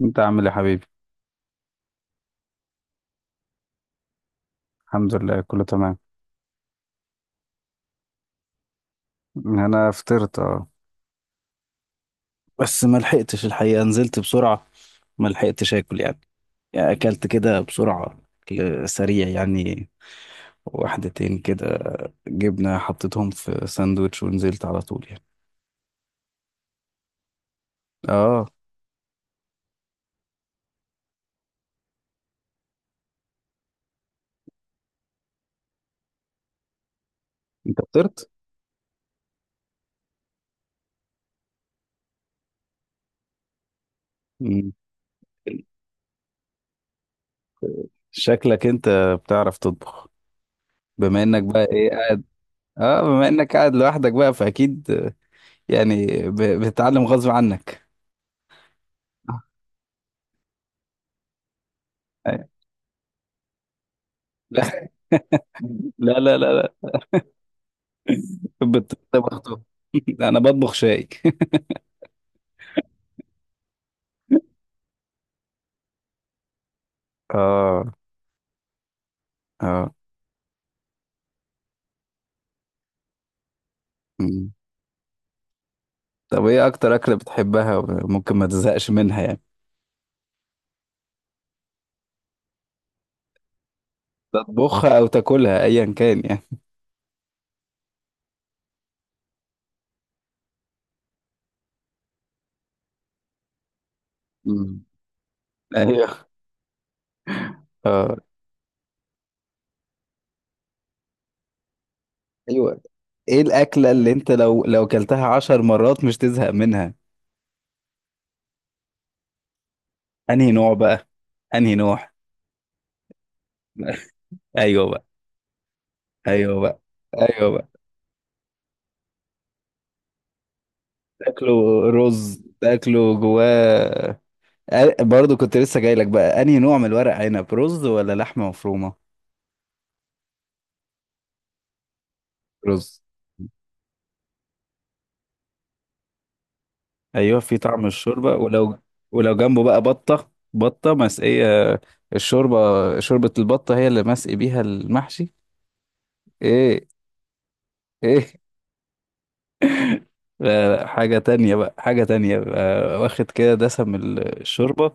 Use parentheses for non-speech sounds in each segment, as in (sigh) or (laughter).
انت عامل ايه يا حبيبي؟ الحمد لله كله تمام. انا فطرت، اه. بس ما لحقتش الحقيقه، نزلت بسرعه. ما لحقتش اكل يعني. يعني اكلت كده بسرعه، أكل سريع يعني. واحدتين كده، جبنه حطيتهم في ساندوتش ونزلت على طول يعني. اه. انت فطرت؟ مم. شكلك انت بتعرف تطبخ؟ بما انك بقى ايه اه بما انك قاعد لوحدك بقى فاكيد. يعني بتتعلم غصب عنك. (laughs) لا، لا، لا، لا. بطبخته. (laughs) لا انا بطبخ شاي. (laughs) اه. اه. مم. طب ايه اكتر اكله بتحبها وممكن ما تزهقش منها يعني؟ تطبخها او تاكلها ايا كان يعني. مم. ايوه. اه. ايوه. ايه الاكله اللي انت لو اكلتها 10 مرات مش تزهق منها؟ انهي نوع بقى؟ انهي نوع؟ (laughs) ايوه بقى، ايوه بقى، ايوه بقى. تاكله رز، تاكله جواه. برضو كنت لسه جاي لك بقى، انهي نوع من الورق عنب؟ رز ولا لحمه مفرومه؟ رز. ايوه في طعم الشوربه ولو، جنبه بقى بطه مسقيه. الشوربه. شوربه البطه هي اللي مسقي بيها المحشي. ايه؟ ايه؟ لا، لا، حاجه تانية بقى، حاجه تانية بقى، واخد كده دسم الشوربه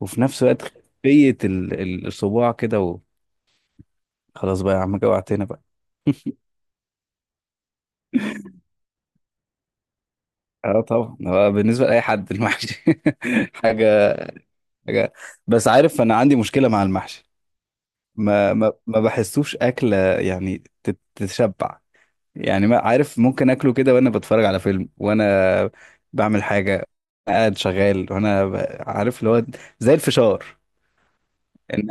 وفي نفس الوقت خفيه الصباع كده. وخلاص بقى يا عم، جوعتنا بقى. اه طبعا، هو بالنسبه لاي حد المحشي. (laughs) حاجه حاجه. بس عارف، انا عندي مشكله مع المحشي. ما بحسوش اكله، يعني تتشبع. يعني ما عارف، ممكن اكله كده وانا بتفرج على فيلم وانا بعمل حاجه، قاعد شغال عارف اللي هو، زي الفشار. إن-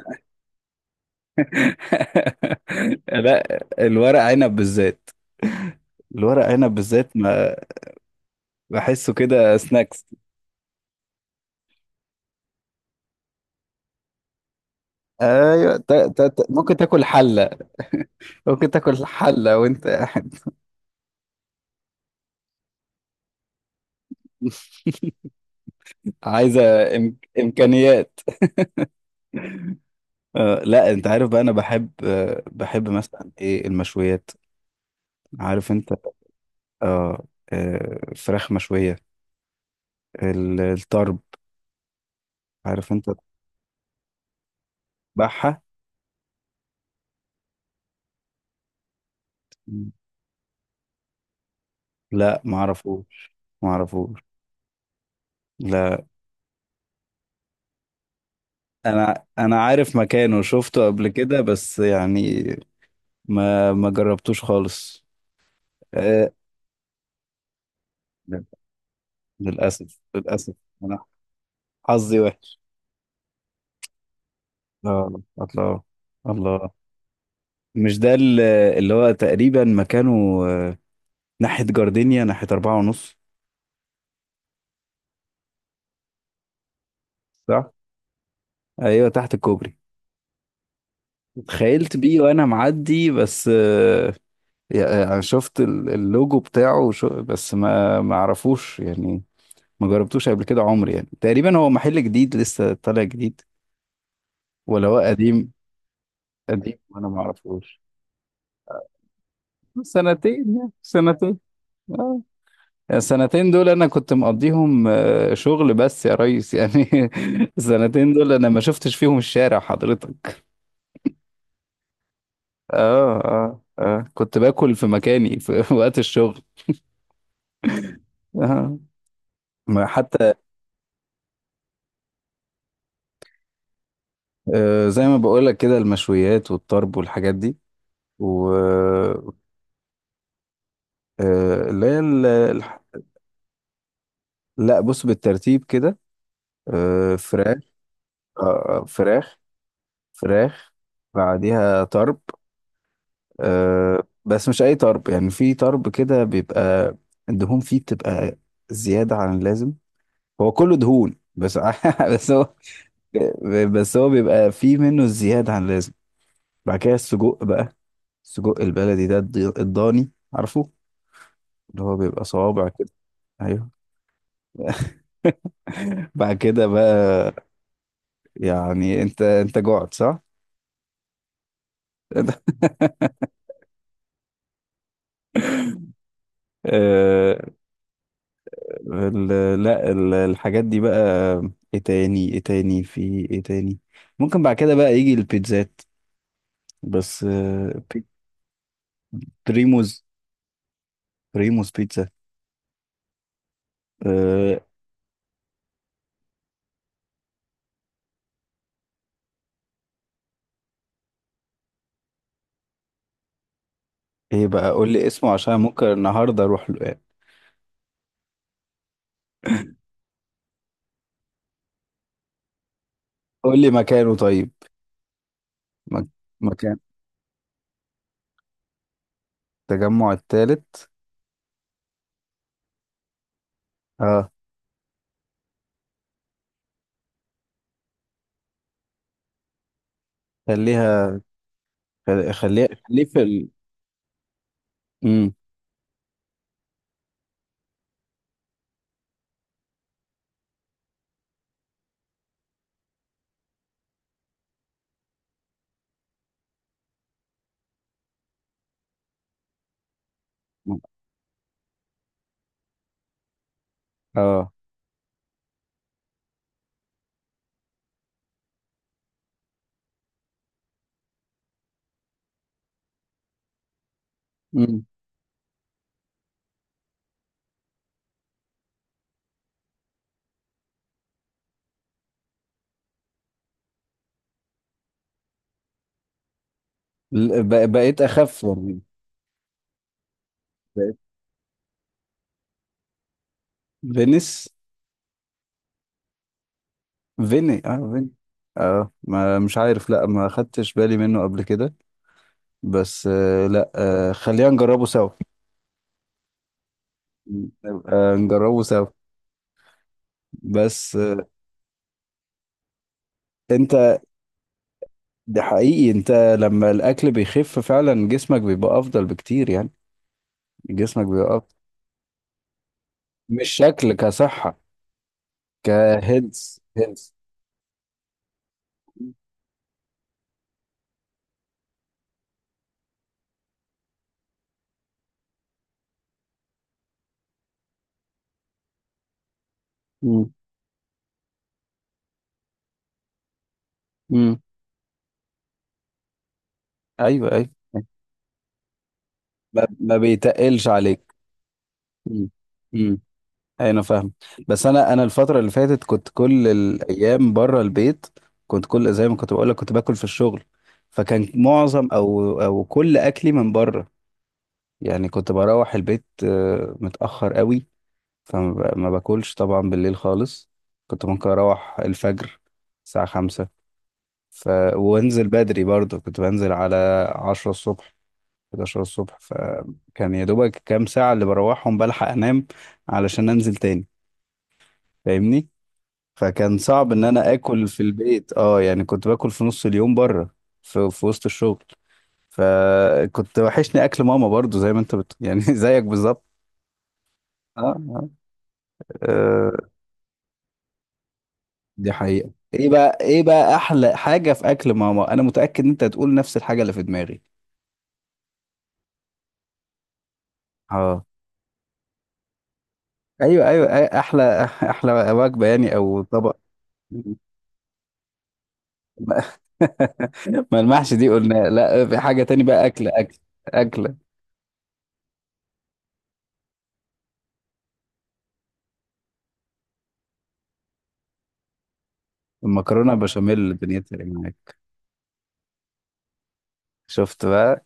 (laughs) لا، الورق عنب بالذات، الورق عنب بالذات ما بحسه كده سناكس. ايوه، ممكن تاكل حله، ممكن تاكل حله وانت قاعد. (laughs) عايزه، إم- امكانيات. لا انت عارف بقى، انا بحب مثلا ايه المشويات. عارف انت. آه فراخ مشوية، الطرب. عارف انت. تذبحها. لا معرفوش، معرفوش. لا، انا عارف مكانه، شفته قبل كده بس يعني ما جربتوش خالص. آه لا، للاسف، للاسف. انا حظي وحش. لا، الله، الله، الله، مش ده، اللي هو تقريبا مكانه، آه، ناحية جاردينيا، ناحية أربعة ونص. صح؟ أيوة، تحت الكوبري. اتخيلت بيه وأنا معدي بس، يعني أنا شفت اللوجو بتاعه وشو بس ما أعرفوش يعني. ما جربتوش قبل كده عمري يعني، تقريبا هو محل جديد لسه طالع جديد ولا هو قديم؟ قديم وأنا ما أعرفوش. سنتين يعني، سنتين. اه، السنتين دول انا كنت مقضيهم، شغل بس يا ريس يعني. (laughs) السنتين دول انا ما شفتش فيهم الشارع حضرتك. اه، اه، اه، كنت باكل في مكاني في (laughs) وقت الشغل. آه. ما حتى، زي ما بقول لك كده المشويات والطرب والحاجات دي. و، اللي هي، لا بص بالترتيب كده. فراخ. آه آه، فراخ فراخ. بعديها طرب. بس مش اي طرب يعني، في طرب كده بيبقى الدهون فيه بتبقى زيادة عن اللازم، هو كله دهون بس. (laughs) بس هو بس هو بيبقى فيه منه زيادة عن اللازم. بعد كده السجق بقى، السجق البلدي ده الضاني، عارفه، اللي هو بيبقى صوابع كده. ايوه. (laughs) بعد كده بقى، يعني انت جعت صح؟ (laughs) آه، لا الحاجات دي بقى. ايه تاني ايه تاني في ايه تاني؟ ممكن بعد كده بقى يجي البيتزات. بس، بريموز بريموز بيتزا. آه، ايه بقى قول لي اسمه عشان ممكن النهارده اروح له يعني. قول لي مكانه طيب. مك- مكان، التجمع الثالث. اه، خليها خل- خليها خليه. مم. اه. مم. بقيت اخف يعني. بقيت. فينيس. فيني. اه، ما مش عارف، لا ما خدتش بالي منه قبل كده. بس، لا، خلينا نجربه سوا. نبقى نجربه سوا. بس. انت، ده حقيقي انت. لما الاكل بيخف فعلا جسمك بيبقى افضل بكتير يعني. جسمك بيبقى افضل. مش شكل، كصحة. هيلث. ايوه، ايوه. ما بيتقلش عليك. امم. امم. انا فاهم. بس انا الفتره اللي فاتت كنت كل الايام بره البيت. كنت كل زي ما كنت بقول لك كنت باكل في الشغل، فكان معظم او كل اكلي من بره. يعني كنت بروح البيت متاخر قوي. ما باكلش طبعا بالليل خالص. كنت ممكن اروح الفجر، الساعه 5 ف... وانزل بدري برضه، كنت بنزل على 10 الصبح، 11 الصبح. فكان يا دوبك كام ساعة اللي بروحهم بلحق أنام علشان أنزل تاني. فاهمني؟ فكان صعب إن أنا آكل في البيت. يعني كنت باكل في نص اليوم بره، في وسط الشغل. فكنت وحشني أكل ماما برضو، زي ما أنت يعني (laughs) زيك بالظبط. أه، أه. آه، دي حقيقة. إيه بقى أحلى حاجة في أكل ماما؟ أنا متأكد إن أنت هتقول نفس الحاجة اللي في دماغي. أه، أيوه، أيوه، أيوة، (laughs) أحلى وجبة يعني أو طبق. ما (laughs) ما المحشي دي قلنا، لا في حاجة تاني بقى. أكل المكرونة بشاميل، دنيتي إيه معاك؟ شفت بقى.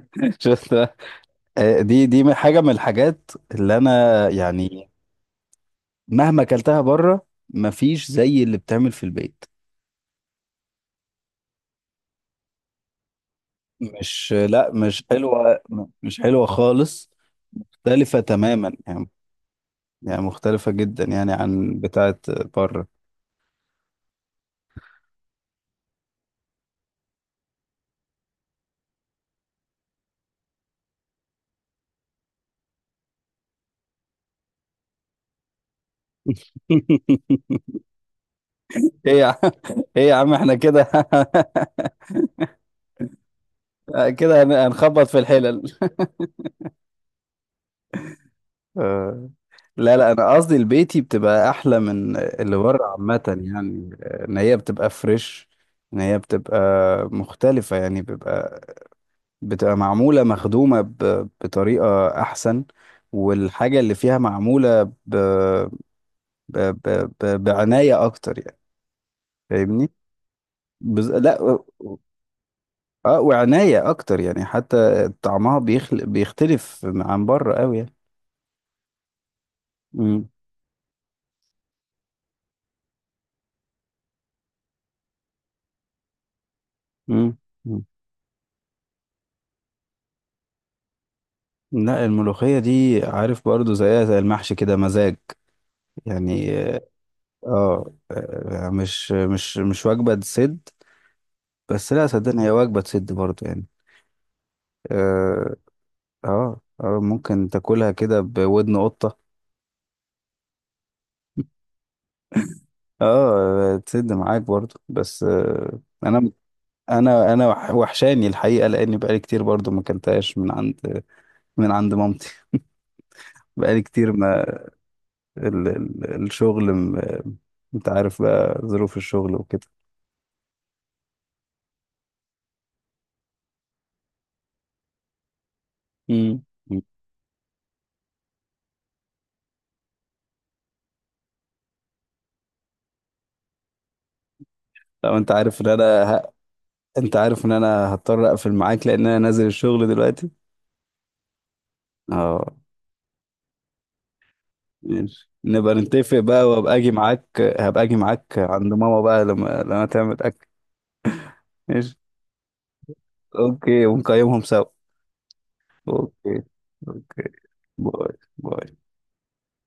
(laughs) شفت بقى. دي حاجة من الحاجات اللي أنا، يعني، مهما أكلتها بره، مفيش زي اللي بتعمل في البيت. مش لا، مش حلوة. مش حلوة خالص. مختلفة تماما يعني، مختلفة جدا يعني عن بتاعة بره. (laughs) ايه يا عم، احنا كده. (laughs) كده هنخبط في الحلل. آه. لا، لا، انا قصدي البيتي بتبقى احلى من اللي بره عامه يعني. ان هي بتبقى فريش، ان هي بتبقى مختلفه يعني. بتبقى معموله، مخدومه بطريقه احسن، والحاجه اللي فيها معموله بعنايه اكتر يعني. فاهمني؟ لا، اه، وعنايه اكتر يعني، حتى طعمها بيختلف عن بره قوي يعني. امم. لا، الملوخية دي عارف برضو زيها زي المحشي كده، مزاج يعني. اه. مش وجبة تسد. بس لا، صدقني هي وجبة تسد برضو يعني. اه، اه. ممكن تاكلها كده بودن قطة. اه تسد معاك برضو بس. انا انا وحشاني الحقيقة، لاني بقالي كتير برضو ما اكلتهاش من عند، مامتي. بقالي كتير، ما ال ال الشغل انت عارف بقى ظروف الشغل وكده. مم. لو انت عارف ان انا. انت عارف ان انا هضطر اقفل معاك لان انا نازل الشغل دلوقتي. اه. ماشي، نبقى نتفق بقى وابقى اجي معاك. هبقى اجي معاك عند ماما بقى، لما تعمل اكل. ماشي. اوكي، ونقيمهم سوا. اوكي. اوكي. باي. باي.